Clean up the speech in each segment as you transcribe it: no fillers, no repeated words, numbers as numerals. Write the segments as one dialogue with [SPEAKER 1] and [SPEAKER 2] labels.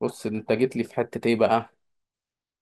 [SPEAKER 1] بص انت جيت لي في حته ايه بقى؟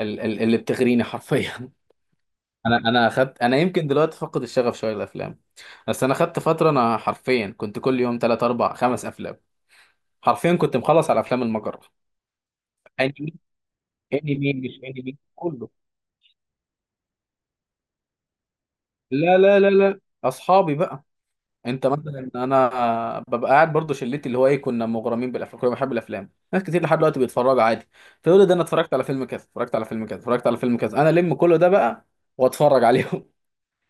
[SPEAKER 1] اللي بتغريني حرفيا. انا يمكن دلوقتي فقد الشغف شويه للافلام. بس انا خدت فتره، انا حرفيا كنت كل يوم 3 4 5 افلام. حرفيا كنت مخلص على افلام المجره. انمي. انمي مش انمي كله. لا، لا، لا، لا، اصحابي بقى. انت مثلا انا ببقى قاعد برضه شلتي اللي هو ايه، كنا مغرمين بالافلام، كنا بنحب الافلام، ناس كتير لحد دلوقتي بيتفرجوا عادي. تقول لي ده انا اتفرجت على فيلم كذا، اتفرجت على فيلم كذا، اتفرجت على فيلم كذا، انا لم كله ده بقى واتفرج عليهم.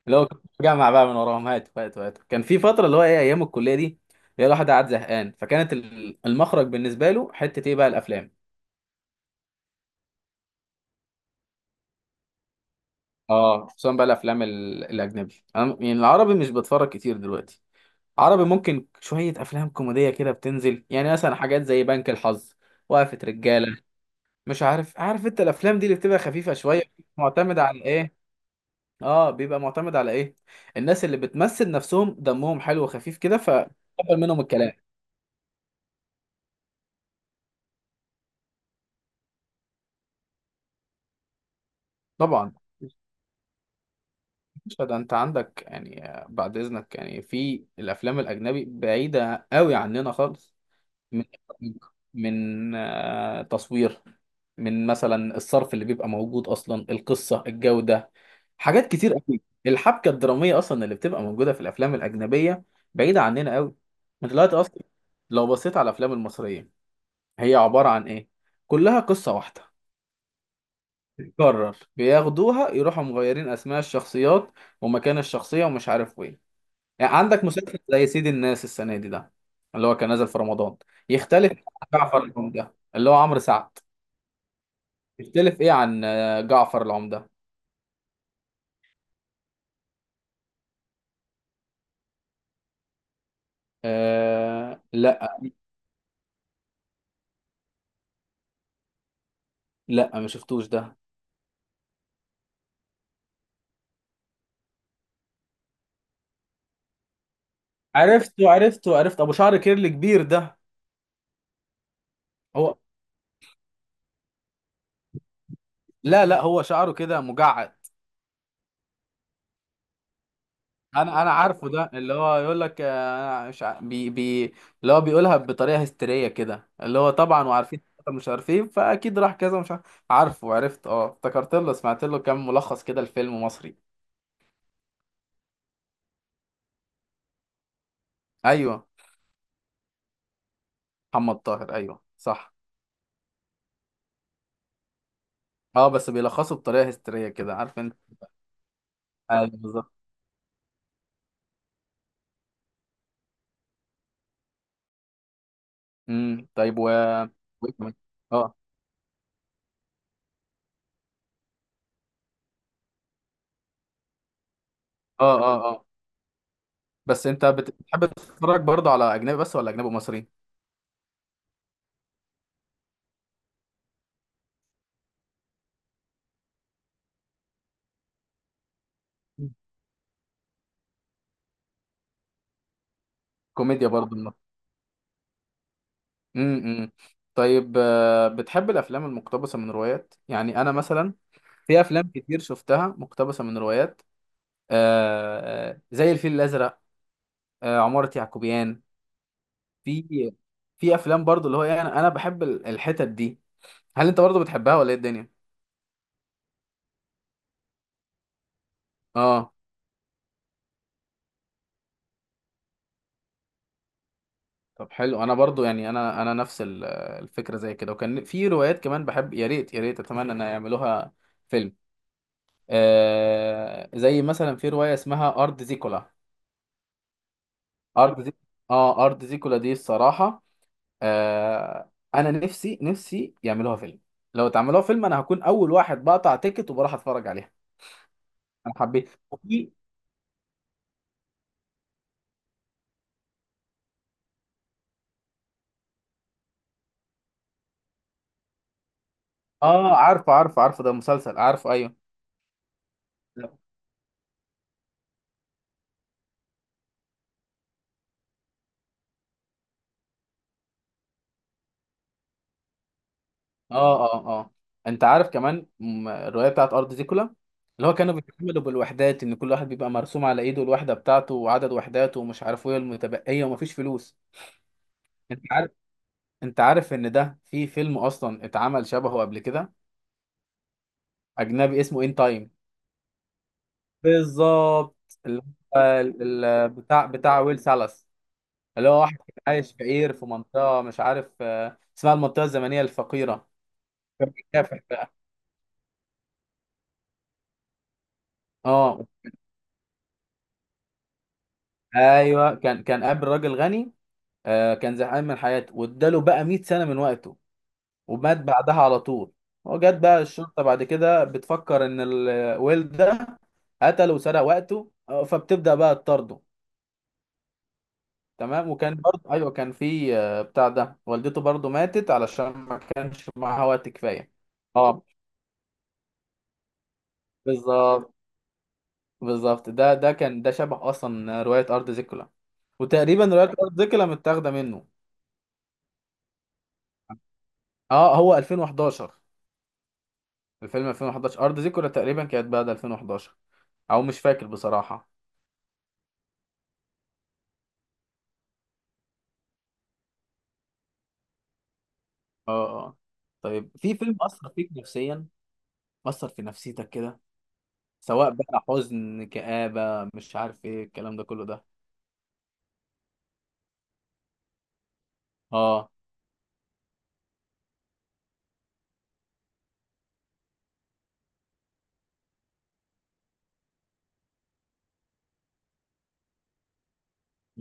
[SPEAKER 1] اللي هو كنت بجمع بقى من وراهم، هات هات هات، كان في فتره اللي هو ايه ايام الكليه دي. هي الواحد قاعد زهقان، فكانت المخرج بالنسبه له حته ايه بقى الافلام. اه، خصوصا بقى الافلام الاجنبي، انا يعني العربي مش بتفرج كتير دلوقتي. عربي ممكن شويه افلام كوميديه كده بتنزل، يعني مثلا حاجات زي بنك الحظ، وقفه رجاله، مش عارف، عارف انت الافلام دي اللي بتبقى خفيفه شويه معتمده على ايه؟ اه، بيبقى معتمد على ايه؟ الناس اللي بتمثل نفسهم دمهم حلو وخفيف كده فتقبل منهم الكلام. طبعا. مش ده انت عندك يعني، بعد اذنك، يعني في الافلام الاجنبي بعيده قوي عننا خالص. من من تصوير، من مثلا الصرف اللي بيبقى موجود اصلا، القصه، الجوده، حاجات كتير قوي، الحبكه الدراميه اصلا اللي بتبقى موجوده في الافلام الاجنبيه بعيده عننا قوي. انت دلوقتي اصلا لو بصيت على الافلام المصريه، هي عباره عن ايه؟ كلها قصه واحده بتتكرر، بياخدوها يروحوا مغيرين اسماء الشخصيات ومكان الشخصيه ومش عارف وين. يعني عندك مسلسل زي سيد الناس السنة دي ده، اللي هو كان نازل في رمضان، يختلف عن جعفر العمدة اللي هو عمرو سعد. يختلف ايه عن جعفر العمدة. آه، لا، لا ما شفتوش ده. عرفت ابو شعر كيرلي كبير ده. هو، لا، لا، هو شعره كده مجعد. انا عارفه ده، اللي هو يقول لك، انا مش بي بي، اللي هو بيقولها بطريقه هستيريه كده، اللي هو طبعا وعارفين، مش عارفين، فاكيد راح كذا مش عارف. عارفه، عرفت، اه افتكرت له، سمعت له كام ملخص كده، الفيلم مصري. ايوه. محمد طاهر، ايوه صح. اه، بس بيلخصوا بطريقه هستيريه كده، عارف انت. ايوه بالظبط. طيب، و وإيه كمان؟ اه. اه، اه، اه. بس انت بتحب تتفرج برضه على اجنبي بس ولا اجنبي ومصري؟ مم. كوميديا برضه. امم طيب، بتحب الافلام المقتبسه من روايات؟ يعني انا مثلا في افلام كتير شفتها مقتبسه من روايات، زي الفيل الازرق، عمارة يعقوبيان. في في افلام برضو، اللي هو يعني انا بحب الحتت دي. هل انت برضو بتحبها ولا ايه الدنيا؟ اه. طب حلو، انا برضو يعني، انا نفس الفكره زي كده. وكان في روايات كمان بحب، يا ريت يا ريت اتمنى ان يعملوها فيلم، زي مثلا في روايه اسمها ارض زيكولا. ارض زي اه، ارض زيكولا دي الصراحه، انا نفسي نفسي يعملوها فيلم. لو اتعملوها فيلم انا هكون اول واحد بقطع تيكت وبروح اتفرج عليها. انا حبيت وفي، اه عارفه، عارفه، عارفه، ده مسلسل، عارفه، ايوه. اه، اه، اه. انت عارف كمان، الروايه بتاعت ارض زيكولا، اللي هو كانوا بيتعاملوا بالوحدات، ان كل واحد بيبقى مرسوم على ايده الوحده بتاعته وعدد وحداته ومش عارف ايه المتبقيه، ومفيش فلوس. انت عارف، انت عارف ان ده في فيلم اصلا اتعمل شبهه قبل كده، اجنبي اسمه ان تايم. بالظبط، اللي هو بتاع ويل سالاس، اللي هو واحد كان عايش فقير في منطقة مش عارف، اسمها المنطقة الزمنية الفقيرة، كان بيكافح بقى. اه، ايوه، كان قابل راجل غني، كان زهقان من حياته، واداله بقى 100 سنة من وقته ومات بعدها على طول. وجت بقى الشرطة بعد كده بتفكر ان الويل ده قتله وسرق وقته، فبتبدأ بقى تطارده. تمام، وكان برضه، ايوه كان في، بتاع ده، والدته برضه ماتت علشان ما كانش معاها وقت كفايه. اه بالظبط. بالظبط، ده كان ده شبه اصلا روايه ارض زيكولا، وتقريبا روايه ارض زيكولا متاخده منه. اه، هو 2011. الفيلم 2011، ارض زيكولا تقريبا كانت بعد 2011، او مش فاكر بصراحه. اه، اه، آه. طيب في فيلم اثر فيك نفسيا، اثر في نفسيتك كده، سواء بقى حزن، كآبة، مش عارف ايه الكلام ده كله ده؟ اه.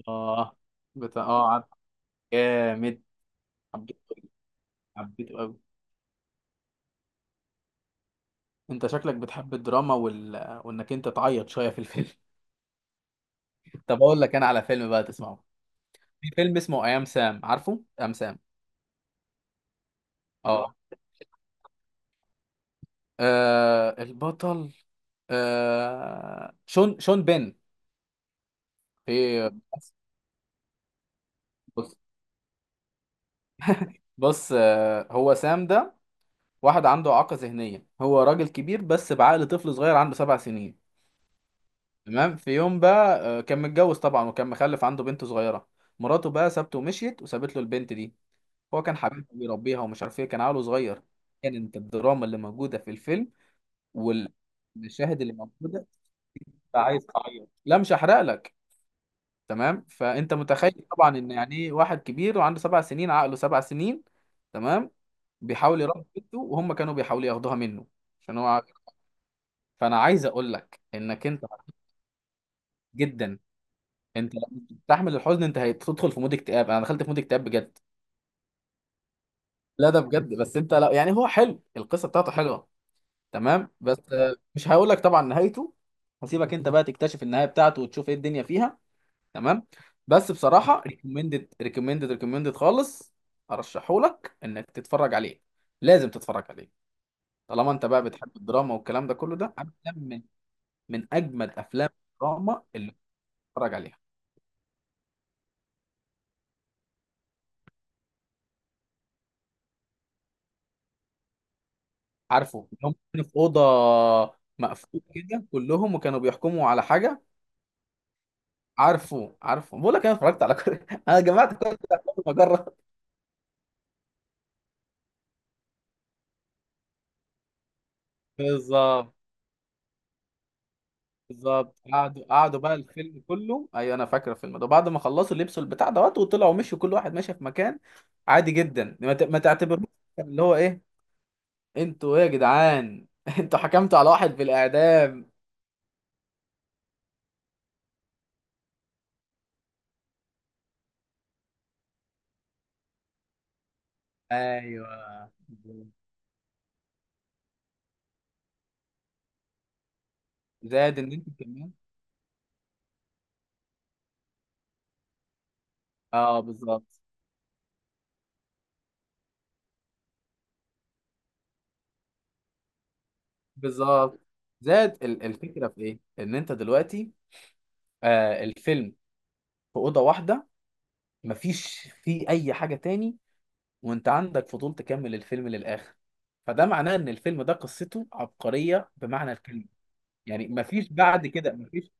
[SPEAKER 1] اه بتاع، اه عارف. جامد، حبيت، حبيته قوي. انت شكلك بتحب الدراما، وانك انت تعيط شويه في الفيلم. طب اقول لك انا على فيلم بقى تسمعه. في فيلم اسمه ايام سام، عارفه ايام سام؟ اه. البطل شون بين. في بص، بص هو سام ده، واحد عنده اعاقه ذهنيه، هو راجل كبير بس بعقل طفل صغير، عنده 7 سنين. تمام، في يوم بقى، كان متجوز طبعا وكان مخلف عنده بنت صغيره. مراته بقى سابته ومشيت وسابت له البنت دي، هو كان حبيبها بيربيها ومش عارف ايه، كان عيله صغير. كانت الدراما اللي موجوده في الفيلم والمشاهد اللي موجوده، فعايز تعيط، لا مش هحرق لك. تمام، فانت متخيل طبعا ان يعني ايه واحد كبير وعنده 7 سنين، عقله 7 سنين. تمام. بيحاول يربي بنته وهم كانوا بيحاولوا ياخدوها منه عشان هو فانا عايز اقول لك انك انت، جدا، انت لما بتستحمل الحزن انت هتدخل في مود اكتئاب، انا دخلت في مود اكتئاب بجد. لا ده بجد، بس انت لا، يعني هو حلو، القصه بتاعته حلوه. تمام، بس مش هقول لك طبعا نهايته، هسيبك انت بقى تكتشف النهايه بتاعته، وتشوف ايه الدنيا فيها. تمام. بس بصراحه، ريكومندد ريكومندد ريكومندد خالص، ارشحهولك انك تتفرج عليه، لازم تتفرج عليه. طالما انت بقى بتحب الدراما والكلام ده كله ده، افلام من اجمد افلام الدراما اللي بتتفرج عليها. عارفه اللي هم كانوا في اوضه مقفول كده كلهم، وكانوا بيحكموا على حاجه؟ عارفه، عارفه، بقول لك، انا اتفرجت على كل انا جمعت كل بتاع كل مجره. بالظبط. بالظبط، قعدوا بقى الفيلم كله، ايوه انا فاكر الفيلم ده، بعد ما خلصوا لبسوا البتاع دوت وطلعوا مشوا كل واحد ماشي في مكان عادي جدا، ما تعتبروش اللي هو ايه، انتوا ايه يا جدعان؟ انتوا حكمتوا على واحد بالاعدام. ايوه زائد ان انتوا كمان، اه بالظبط. بالظبط، زاد الفكره في ايه ان انت دلوقتي، الفيلم في اوضه واحده، مفيش فيه اي حاجه تاني وانت عندك فضول تكمل الفيلم للاخر، فده معناه ان الفيلم ده قصته عبقريه بمعنى الكلمه، يعني مفيش بعد كده مفيش.